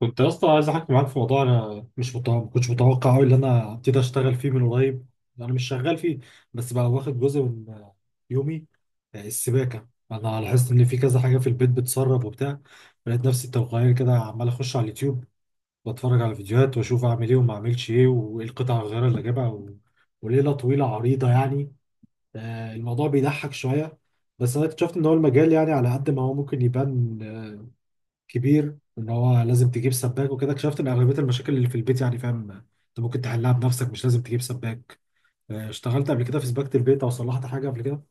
كنت يا اسطى عايز احكي معاك في موضوع، انا مش متوقع ما كنتش متوقع قوي ان انا هبتدي اشتغل فيه من قريب. انا مش شغال فيه، بس بقى واخد جزء من يومي. السباكه، انا لاحظت ان في كذا حاجه في البيت بتسرب وبتاع. لقيت نفسي تلقائيا كده عمال اخش على اليوتيوب، بتفرج على فيديوهات واشوف اعمل ايه وما اعملش ايه وايه القطع الغيار اللي اجيبها وليله طويله عريضه يعني. الموضوع بيضحك شويه. بس انا اكتشفت ان هو المجال، يعني على قد ما هو ممكن يبان كبير ان هو لازم تجيب سباك وكده، اكتشفت ان اغلبيه المشاكل اللي في البيت يعني، فاهم، انت ممكن تحلها بنفسك، مش لازم تجيب سباك. اشتغلت قبل كده في سباكه البيت او صلحت حاجه قبل كده؟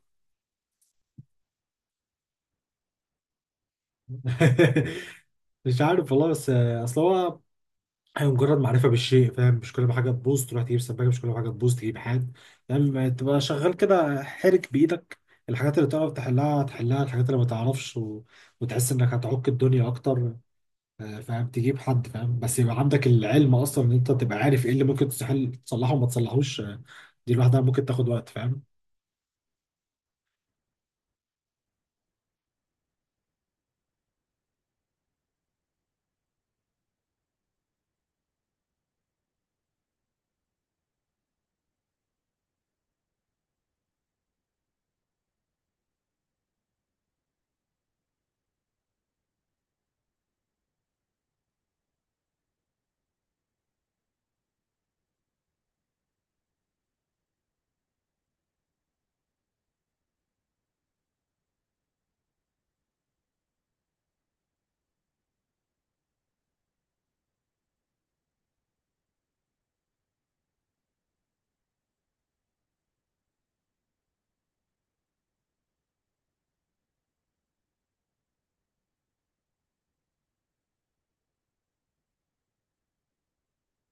مش عارف والله، بس اصل هو، هي مجرد معرفه بالشيء، فاهم، مش كل ما حاجه تبوظ تروح تجيب سباكه، مش كل ما حاجه تبوظ تجيب حاد. يعني ما تبقى شغال كده، حرك بايدك، الحاجات اللي تعرف تحلها تحلها، الحاجات اللي ما تعرفش وتحس انك هتعك الدنيا اكتر، فاهم، تجيب حد فاهم، بس يبقى عندك العلم اصلا ان انت تبقى عارف ايه اللي ممكن تستحيل تصلحه وما تصلحوش. دي لوحدها ممكن تاخد وقت، فاهم.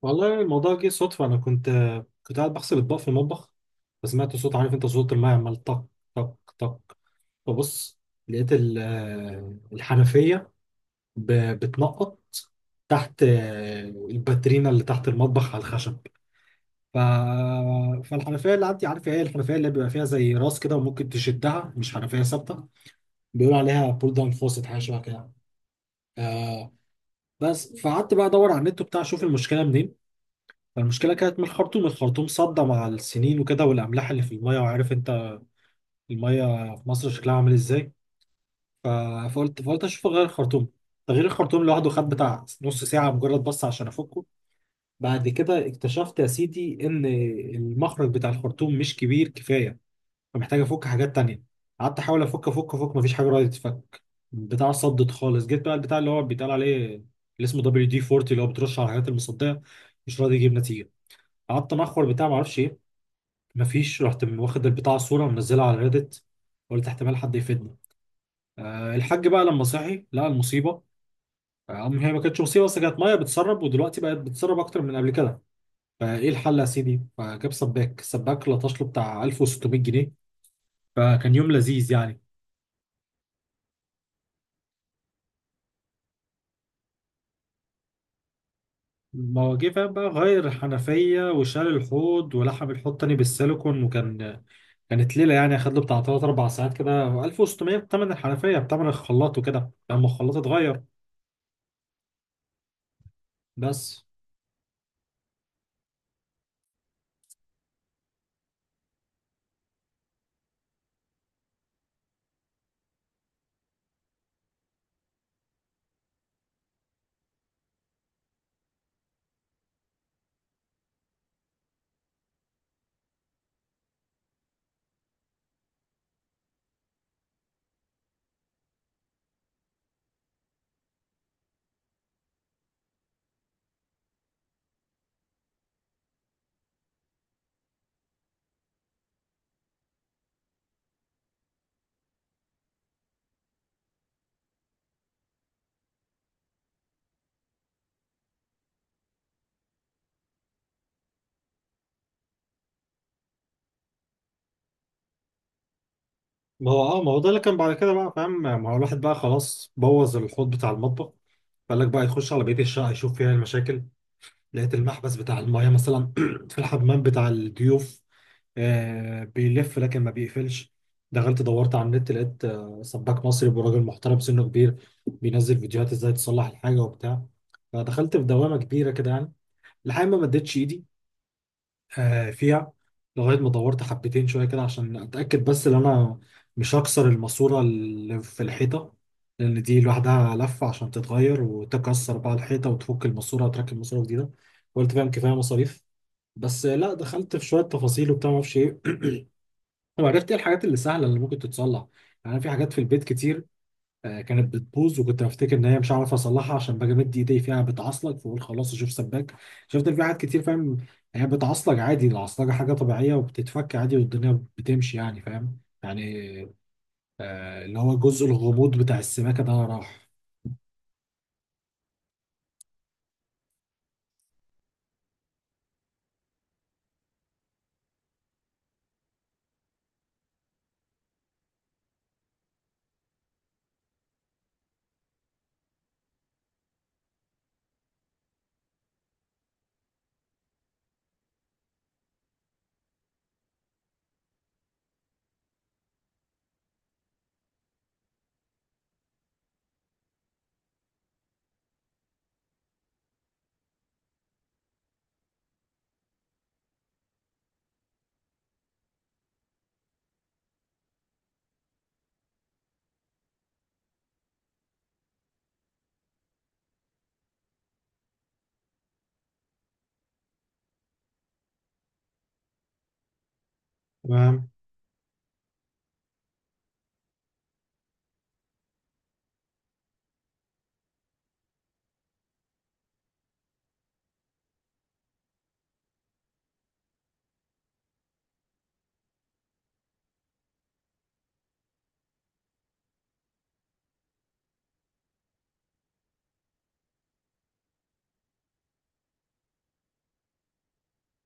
والله الموضوع جه صدفه، انا كنت قاعد بغسل اطباق في المطبخ، فسمعت صوت، عارف انت، صوت الماء عمال طق طق طق. فبص، لقيت الحنفيه بتنقط تحت الباترينا اللي تحت المطبخ على الخشب. ف... فالحنفيه اللي عندي، عارف ايه، الحنفيه اللي بيبقى فيها زي راس كده وممكن تشدها، مش حنفيه ثابته، بيقولوا عليها بول داون فوست، حاجه شبه كده. آه. بس فقعدت بقى ادور على النت وبتاع اشوف المشكله منين. فالمشكله كانت من الخرطوم، الخرطوم صدى مع السنين وكده، والاملاح اللي في الميه، وعارف انت الميه في مصر شكلها عامل ازاي. ف- فقلت اشوف غير الخرطوم. تغيير الخرطوم لوحده خد بتاع نص ساعه مجرد بس عشان افكه. بعد كده اكتشفت يا سيدي ان المخرج بتاع الخرطوم مش كبير كفايه، فمحتاج افك حاجات تانية. قعدت احاول افك افك افك، مفيش حاجه راضيه تتفك، البتاع صدت خالص. جيت بقى البتاع اللي هو بيتقال عليه، اللي اسمه دبليو دي 40، اللي هو بترش على الحاجات المصديه، مش راضي يجيب نتيجه. قعدت انخر بتاع معرفش ايه، مفيش، رحت من واخد البتاع صوره منزلها على ريدت، قلت احتمال حد يفيدنا. أه الحاج بقى لما صحي لقى المصيبه. آه، أم هي ما كانتش مصيبه، بس كانت ميه بتسرب، ودلوقتي بقت بتسرب اكتر من قبل كده. فايه الحل يا سيدي؟ فجاب سباك، السباك لطش له بتاع 1600 جنيه. فكان يوم لذيذ يعني. ما هو جه فاهم بقى، غير الحنفية وشال الحوض ولحم الحوض تاني بالسيليكون، وكان كانت ليلة يعني، خد له بتاع تلات أربع ساعات كده. 1600 بتمن الحنفية بتمن الخلاط وكده لما الخلاط اتغير، بس. ما هو ده اللي كان بعد كده بقى، فاهم، ما هو الواحد بقى خلاص بوظ الحوض بتاع المطبخ، فقال لك بقى يخش على بقية الشقة يشوف فيها المشاكل. لقيت المحبس بتاع المايه مثلا في الحمام بتاع الضيوف، بيلف لكن ما بيقفلش. دخلت دورت على النت، لقيت سباك مصري وراجل محترم سنه كبير بينزل فيديوهات ازاي تصلح الحاجه وبتاع. فدخلت في دوامه كبيره كده يعني، لحد ما مديتش ايدي فيها، لغايه ما دورت حبتين شويه كده عشان اتاكد بس ان انا مش هكسر الماسوره اللي في الحيطه، لان دي لوحدها لفه، عشان تتغير وتكسر بقى الحيطه وتفك الماسوره وتركب ماسوره جديده، قلت فاهم كفايه مصاريف. بس لا، دخلت في شويه تفاصيل وبتاع ما اعرفش ايه، وعرفت ايه الحاجات اللي سهله اللي ممكن تتصلح. يعني في حاجات في البيت كتير كانت بتبوظ، وكنت بفتكر ان هي مش هعرف اصلحها عشان باجي امد ايدي فيها بتعصلك، فاقول خلاص اشوف سباك. شفت إن في حاجات كتير، فاهم، هي بتعصلك عادي، العصلجه حاجه طبيعيه وبتتفك عادي والدنيا بتمشي يعني، فاهم يعني، اللي هو جزء الغموض بتاع السماكه ده راح. تمام.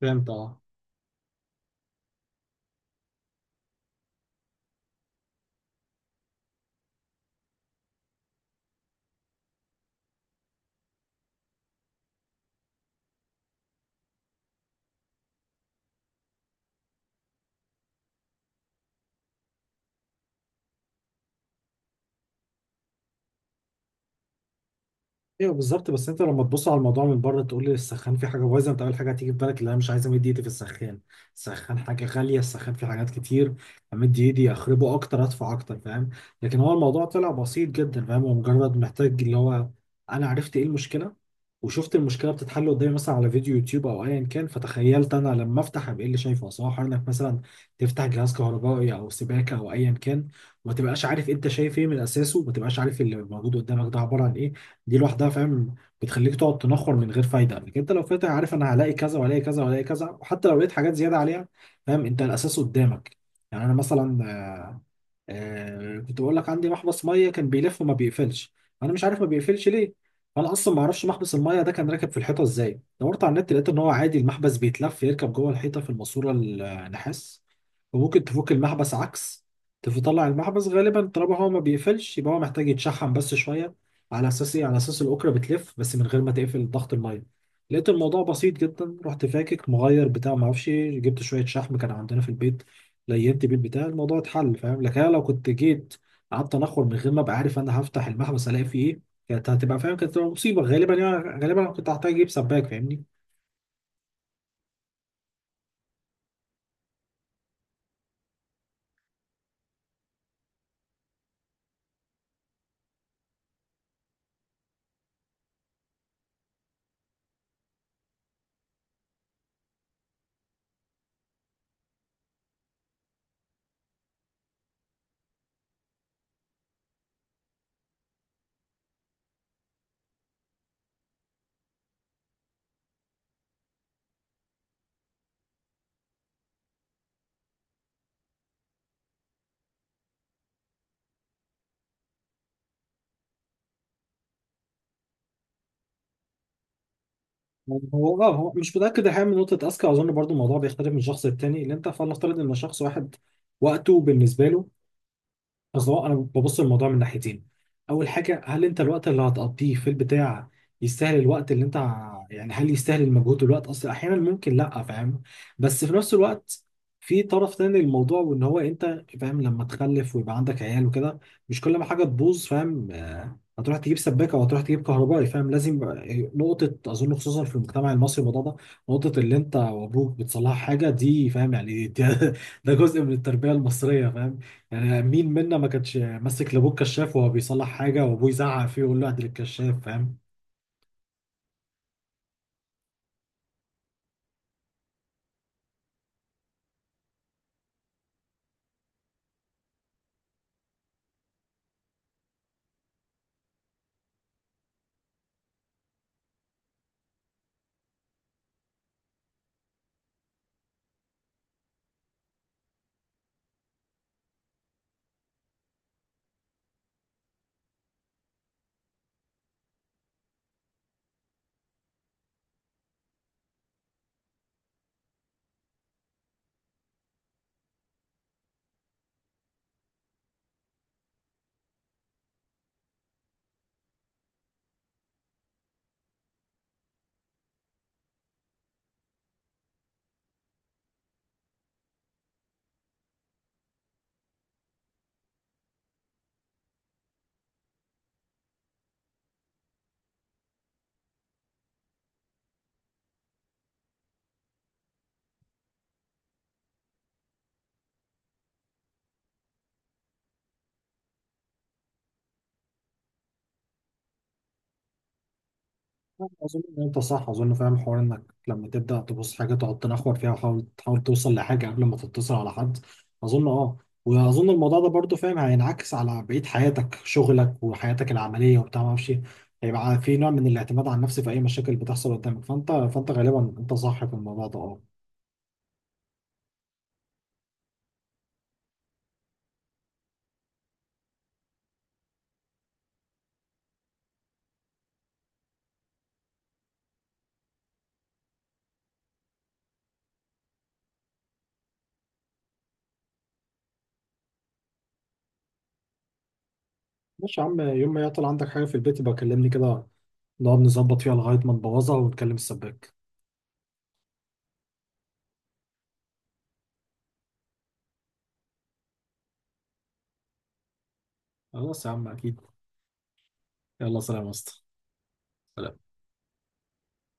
فهمت اه. ايوه بالظبط، بس انت لما تبص على الموضوع من بره، تقول لي السخان فيه حاجه بايظه، انت اول حاجه هتيجي في بالك اللي انا مش عايز امد ايدي في السخان. السخان حاجه غاليه، السخان فيه حاجات كتير، امد ايدي اخربه اكتر، ادفع اكتر، فاهم. لكن هو الموضوع طلع بسيط جدا، فاهم، هو مجرد محتاج اللي هو، انا عرفت ايه المشكله وشفت المشكله بتتحل قدامي مثلا على فيديو يوتيوب او ايا كان. فتخيلت انا لما افتح ابقى إيه اللي شايفه، سواء انك مثلا تفتح جهاز كهربائي او سباكه او ايا كان، وما تبقاش عارف انت شايف ايه من اساسه، وما تبقاش عارف اللي موجود قدامك ده عباره عن ايه. دي لوحدها، فاهم، بتخليك تقعد تنخر من غير فايده. لكن انت لو فاتح عارف انا هلاقي كذا وهلاقي كذا وهلاقي كذا، وحتى لو لقيت حاجات زياده عليها، فاهم، انت الاساس قدامك. يعني انا مثلا، كنت بقول لك عندي محبس ميه كان بيلف وما بيقفلش، انا مش عارف ما بيقفلش ليه. فانا اصلا ما اعرفش محبس الميه ده كان راكب في الحيطه ازاي. دورت على النت لقيت ان هو عادي، المحبس بيتلف يركب جوه الحيطه في الماسوره النحاس، وممكن تفك المحبس عكس، تطلع المحبس. غالبا طالما هو ما بيقفلش يبقى هو محتاج يتشحم بس شويه. على اساس ايه؟ على اساس الاكره بتلف بس من غير ما تقفل ضغط الميه. لقيت الموضوع بسيط جدا، رحت فاكك مغير بتاع ما اعرفش إيه، جبت شويه شحم كان عندنا في البيت، لينت بيه البتاع، الموضوع اتحل، فاهم. لكن انا لو كنت جيت قعدت انخر من غير ما ابقى عارف انا هفتح المحبس الاقي فيه ايه، كانت هتبقى، فاهم، كانت هتبقى مصيبه غالبا يعني. غالبا انا كنت هحتاج اجيب سباك، فاهمني. هو مش متاكد الحقيقه من نقطه اذكى، اظن برضو الموضوع بيختلف من شخص للتاني، اللي انت فلنفترض ان شخص واحد، وقته بالنسبه له، اصل هو انا ببص للموضوع من ناحيتين. اول حاجه، هل انت الوقت اللي هتقضيه في البتاع يستاهل الوقت اللي انت يعني هل يستاهل المجهود والوقت، اصل احيانا ممكن لا، فاهم. بس في نفس الوقت، في طرف تاني للموضوع، وان هو انت فاهم لما تخلف ويبقى عندك عيال وكده، مش كل ما حاجه تبوظ، فاهم، هتروح تجيب سباكه وهتروح تجيب كهربائي، فاهم، لازم، نقطه اظن خصوصا في المجتمع المصري الموضوع ده، نقطه اللي انت وابوك بتصلح حاجه دي، فاهم، يعني دي ده جزء من التربيه المصريه، فاهم. يعني مين منا ما كانش ماسك لابوه الكشاف وهو بيصلح حاجه وابوه يزعق فيه ويقول له ادي الكشاف، فاهم. اظن ان انت صح، اظن فاهم حوار انك لما تبدا تبص حاجه تقعد تنخور فيها، وتحاول تحاول توصل لحاجه قبل ما تتصل على حد، اظن اه. واظن الموضوع ده برضو فاهم هينعكس على بقيه حياتك، شغلك وحياتك العمليه وبتاع ما اعرفش إيه. هيبقى في نوع من الاعتماد على النفس في اي مشاكل بتحصل قدامك، فانت غالبا انت صح في الموضوع ده، اه. ماشي يا عم، يوم ما يعطل عندك حاجة في البيت يبقى كلمني كده، نقعد نظبط فيها لغاية ما نبوظها ونكلم السباك. خلاص يا عم، أكيد. يلا سلام يا اسطى. سلام.